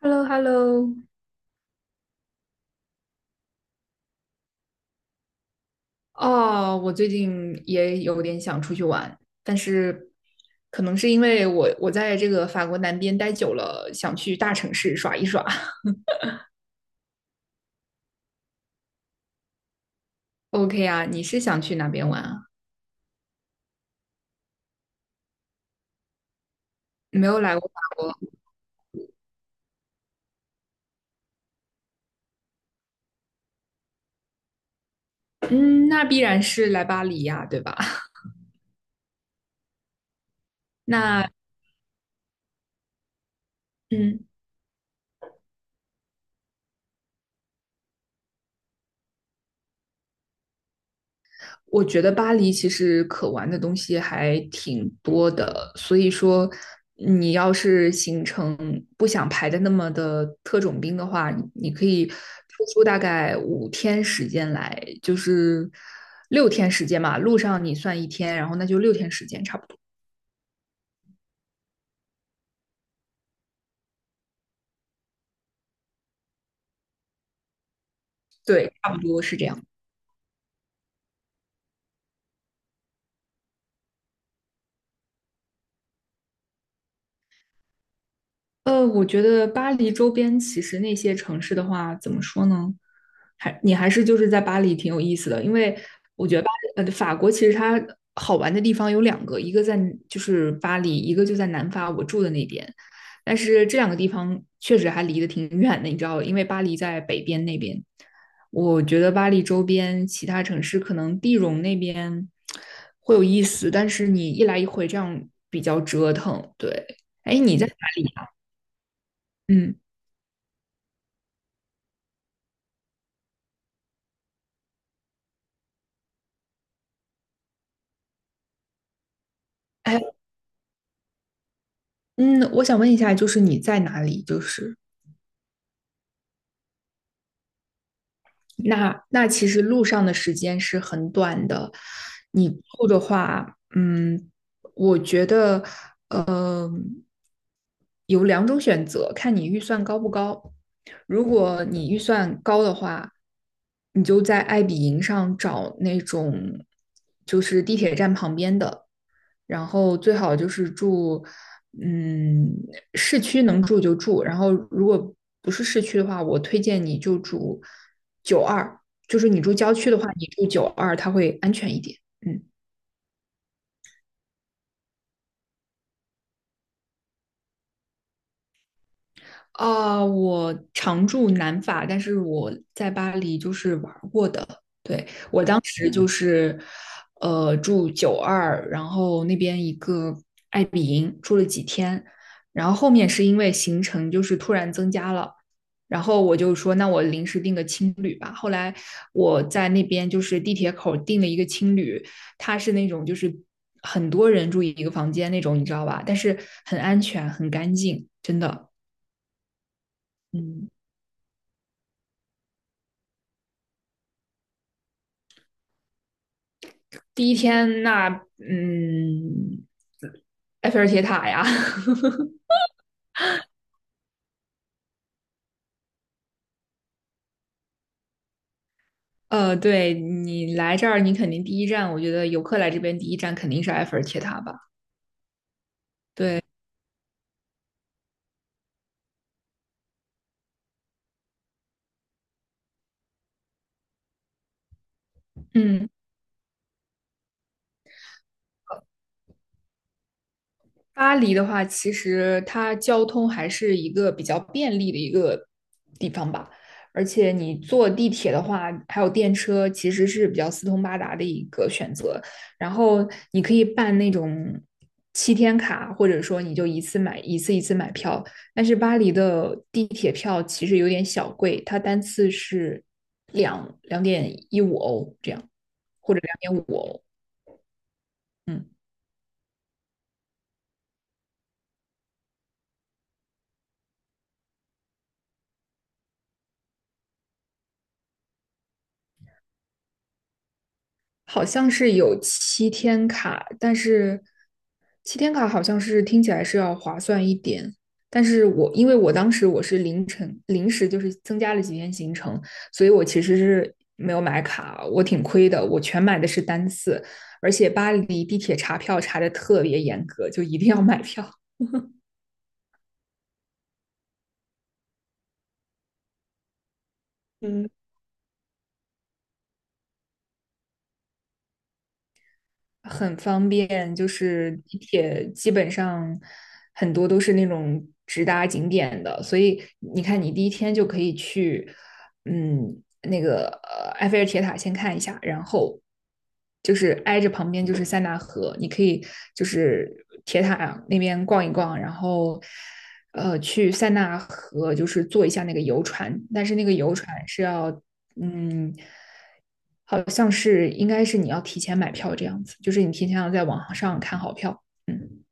h e l l o h e l l o 哦，我最近也有点想出去玩，但是可能是因为我在这个法国南边待久了，想去大城市耍一耍。OK 啊，你是想去哪边玩啊？没有来过法国。嗯，那必然是来巴黎呀，对吧？那，嗯，我觉得巴黎其实可玩的东西还挺多的，所以说你要是行程不想排的那么的特种兵的话，你可以抽出大概五天时间来，就是六天时间嘛，路上你算一天，然后那就六天时间差不多。对，差不多是这样。我觉得巴黎周边其实那些城市的话，怎么说呢？你还是就是在巴黎挺有意思的，因为我觉得法国其实它好玩的地方有两个，一个在就是巴黎，一个就在南法我住的那边。但是这两个地方确实还离得挺远的，你知道，因为巴黎在北边那边，我觉得巴黎周边其他城市可能地荣那边会有意思，但是你一来一回这样比较折腾。对，哎，你在哪里？嗯，哎，嗯，我想问一下，就是你在哪里？就是，那其实路上的时间是很短的，你住的话，我觉得，呃，有两种选择，看你预算高不高。如果你预算高的话，你就在爱彼迎上找那种就是地铁站旁边的，然后最好就是住，嗯，市区能住就住。然后如果不是市区的话，我推荐你就住九二，就是你住郊区的话，你住九二，它会安全一点。嗯，我常住南法，但是我在巴黎就是玩过的。对，就是住九二，然后那边一个爱比营住了几天，然后后面是因为行程就是突然增加了。然后我就说，那我临时订个青旅吧。后来我在那边就是地铁口订了一个青旅，它是那种就是很多人住一个房间那种，你知道吧？但是很安全，很干净，真的。嗯，第一天那嗯，埃菲尔铁塔呀。对你来这儿，你肯定第一站，我觉得游客来这边第一站肯定是埃菲尔铁塔吧。嗯，巴黎的话，其实它交通还是一个比较便利的一个地方吧，而且你坐地铁的话，还有电车，其实是比较四通八达的一个选择。然后你可以办那种七天卡，或者说你就一次一次买票。但是巴黎的地铁票其实有点小贵，它单次是两点一五欧这样，或者2.5欧。嗯。好像是有七天卡，但是七天卡好像是听起来是要划算一点。但是因为我当时我是凌晨临时就是增加了几天行程，所以我其实是没有买卡，我挺亏的。我全买的是单次，而且巴黎地铁查票查的特别严格，就一定要买票。嗯。很方便，就是地铁基本上很多都是那种直达景点的，所以你看，你第一天就可以去，那个埃菲尔铁塔先看一下，然后就是挨着旁边就是塞纳河，你可以就是铁塔那边逛一逛，然后去塞纳河就是坐一下那个游船，但是那个游船是要嗯，好像是应该是你要提前买票这样子，就是你提前要在网上看好票。嗯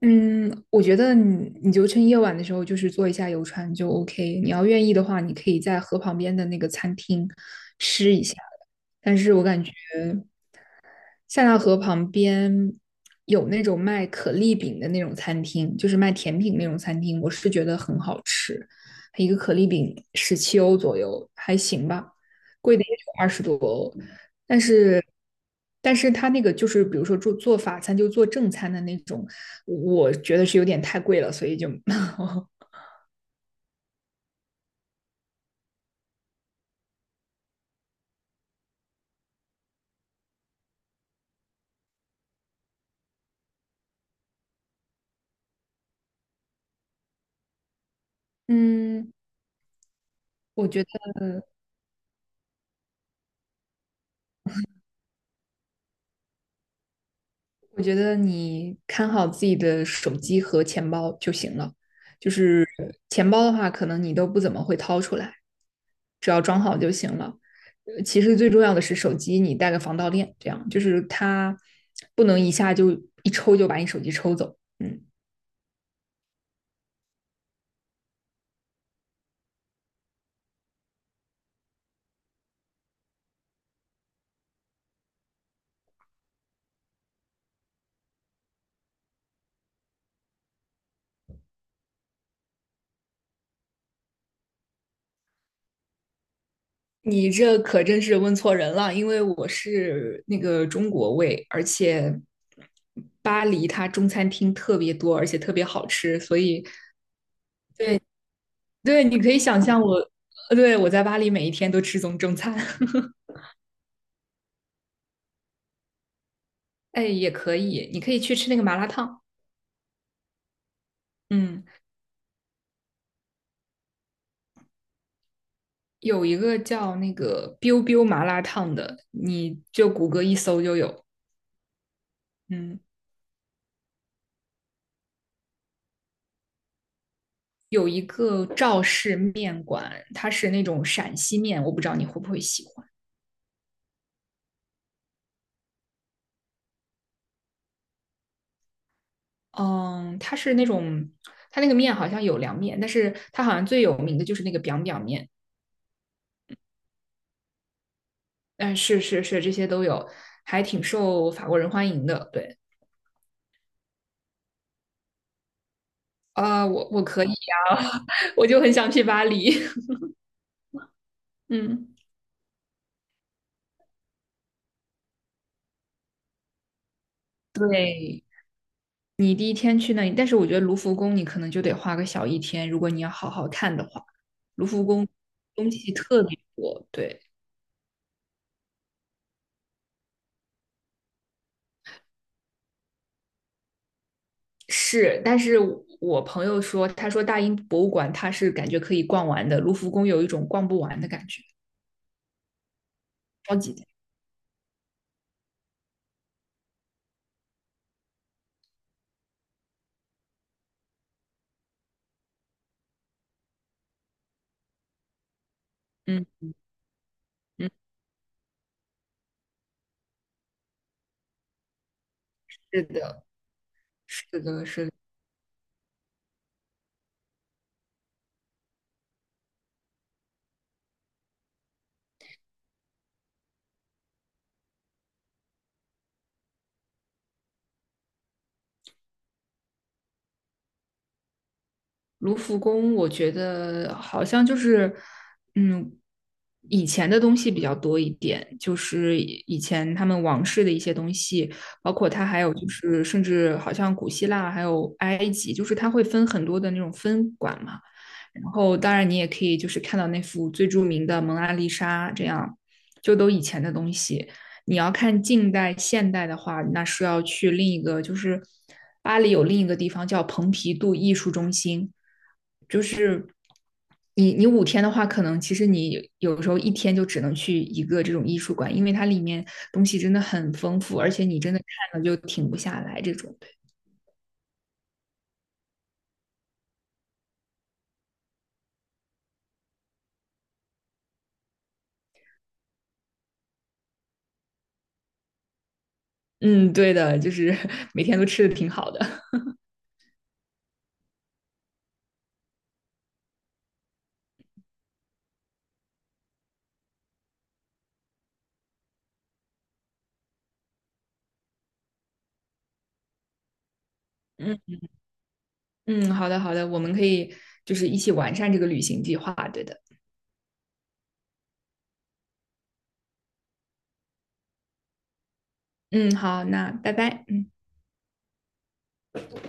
嗯，我觉得你就趁夜晚的时候，就是坐一下游船就 OK。你要愿意的话，你可以在河旁边的那个餐厅吃一下。但是我感觉塞纳河旁边有那种卖可丽饼的那种餐厅，就是卖甜品那种餐厅，我是觉得很好吃，一个可丽饼17欧左右，还行吧，贵的也就20多欧，但是。他那个就是，比如说做法餐，就做正餐的那种，我觉得是有点太贵了，所以就。 嗯，我觉得我觉得你看好自己的手机和钱包就行了。就是钱包的话，可能你都不怎么会掏出来，只要装好就行了。其实最重要的是手机，你带个防盗链，这样就是它不能一下就一抽就把你手机抽走。嗯，你这可真是问错人了，因为我是那个中国胃，而且巴黎它中餐厅特别多，而且特别好吃，所以对。对，你可以想象我，对，我在巴黎每一天都吃中餐。哎，也可以，你可以去吃那个麻辣烫。嗯，有一个叫那个 biu biu 麻辣烫的，你就谷歌一搜就有。嗯，有一个赵氏面馆，它是那种陕西面，我不知道你会不会喜欢。嗯，它是那种，它那个面好像有凉面，但是它好像最有名的就是那个 biang biang 面。嗯，是是是，这些都有，还挺受法国人欢迎的。对。我可以呀。我就很想去巴黎。嗯，对，你第一天去那里，但是我觉得卢浮宫你可能就得花个小一天，如果你要好好看的话，卢浮宫东西特别多。对，是，但是我朋友说，他说大英博物馆他是感觉可以逛完的，卢浮宫有一种逛不完的感觉，超级的。嗯嗯，是的，是的，是的。卢浮宫，我觉得好像就是，嗯，以前的东西比较多一点，就是以前他们王室的一些东西，包括它还有就是，甚至好像古希腊还有埃及，就是它会分很多的那种分馆嘛。然后当然你也可以就是看到那幅最著名的《蒙娜丽莎》，这样就都以前的东西。你要看近代、现代的话，那是要去另一个，就是巴黎有另一个地方叫蓬皮杜艺术中心，就是你五天的话，可能其实你有时候一天就只能去一个这种艺术馆，因为它里面东西真的很丰富，而且你真的看了就停不下来这种。嗯，对的，就是 每天都吃的挺好的。嗯嗯，好的好的，我们可以就是一起完善这个旅行计划。对的。嗯，好，那拜拜。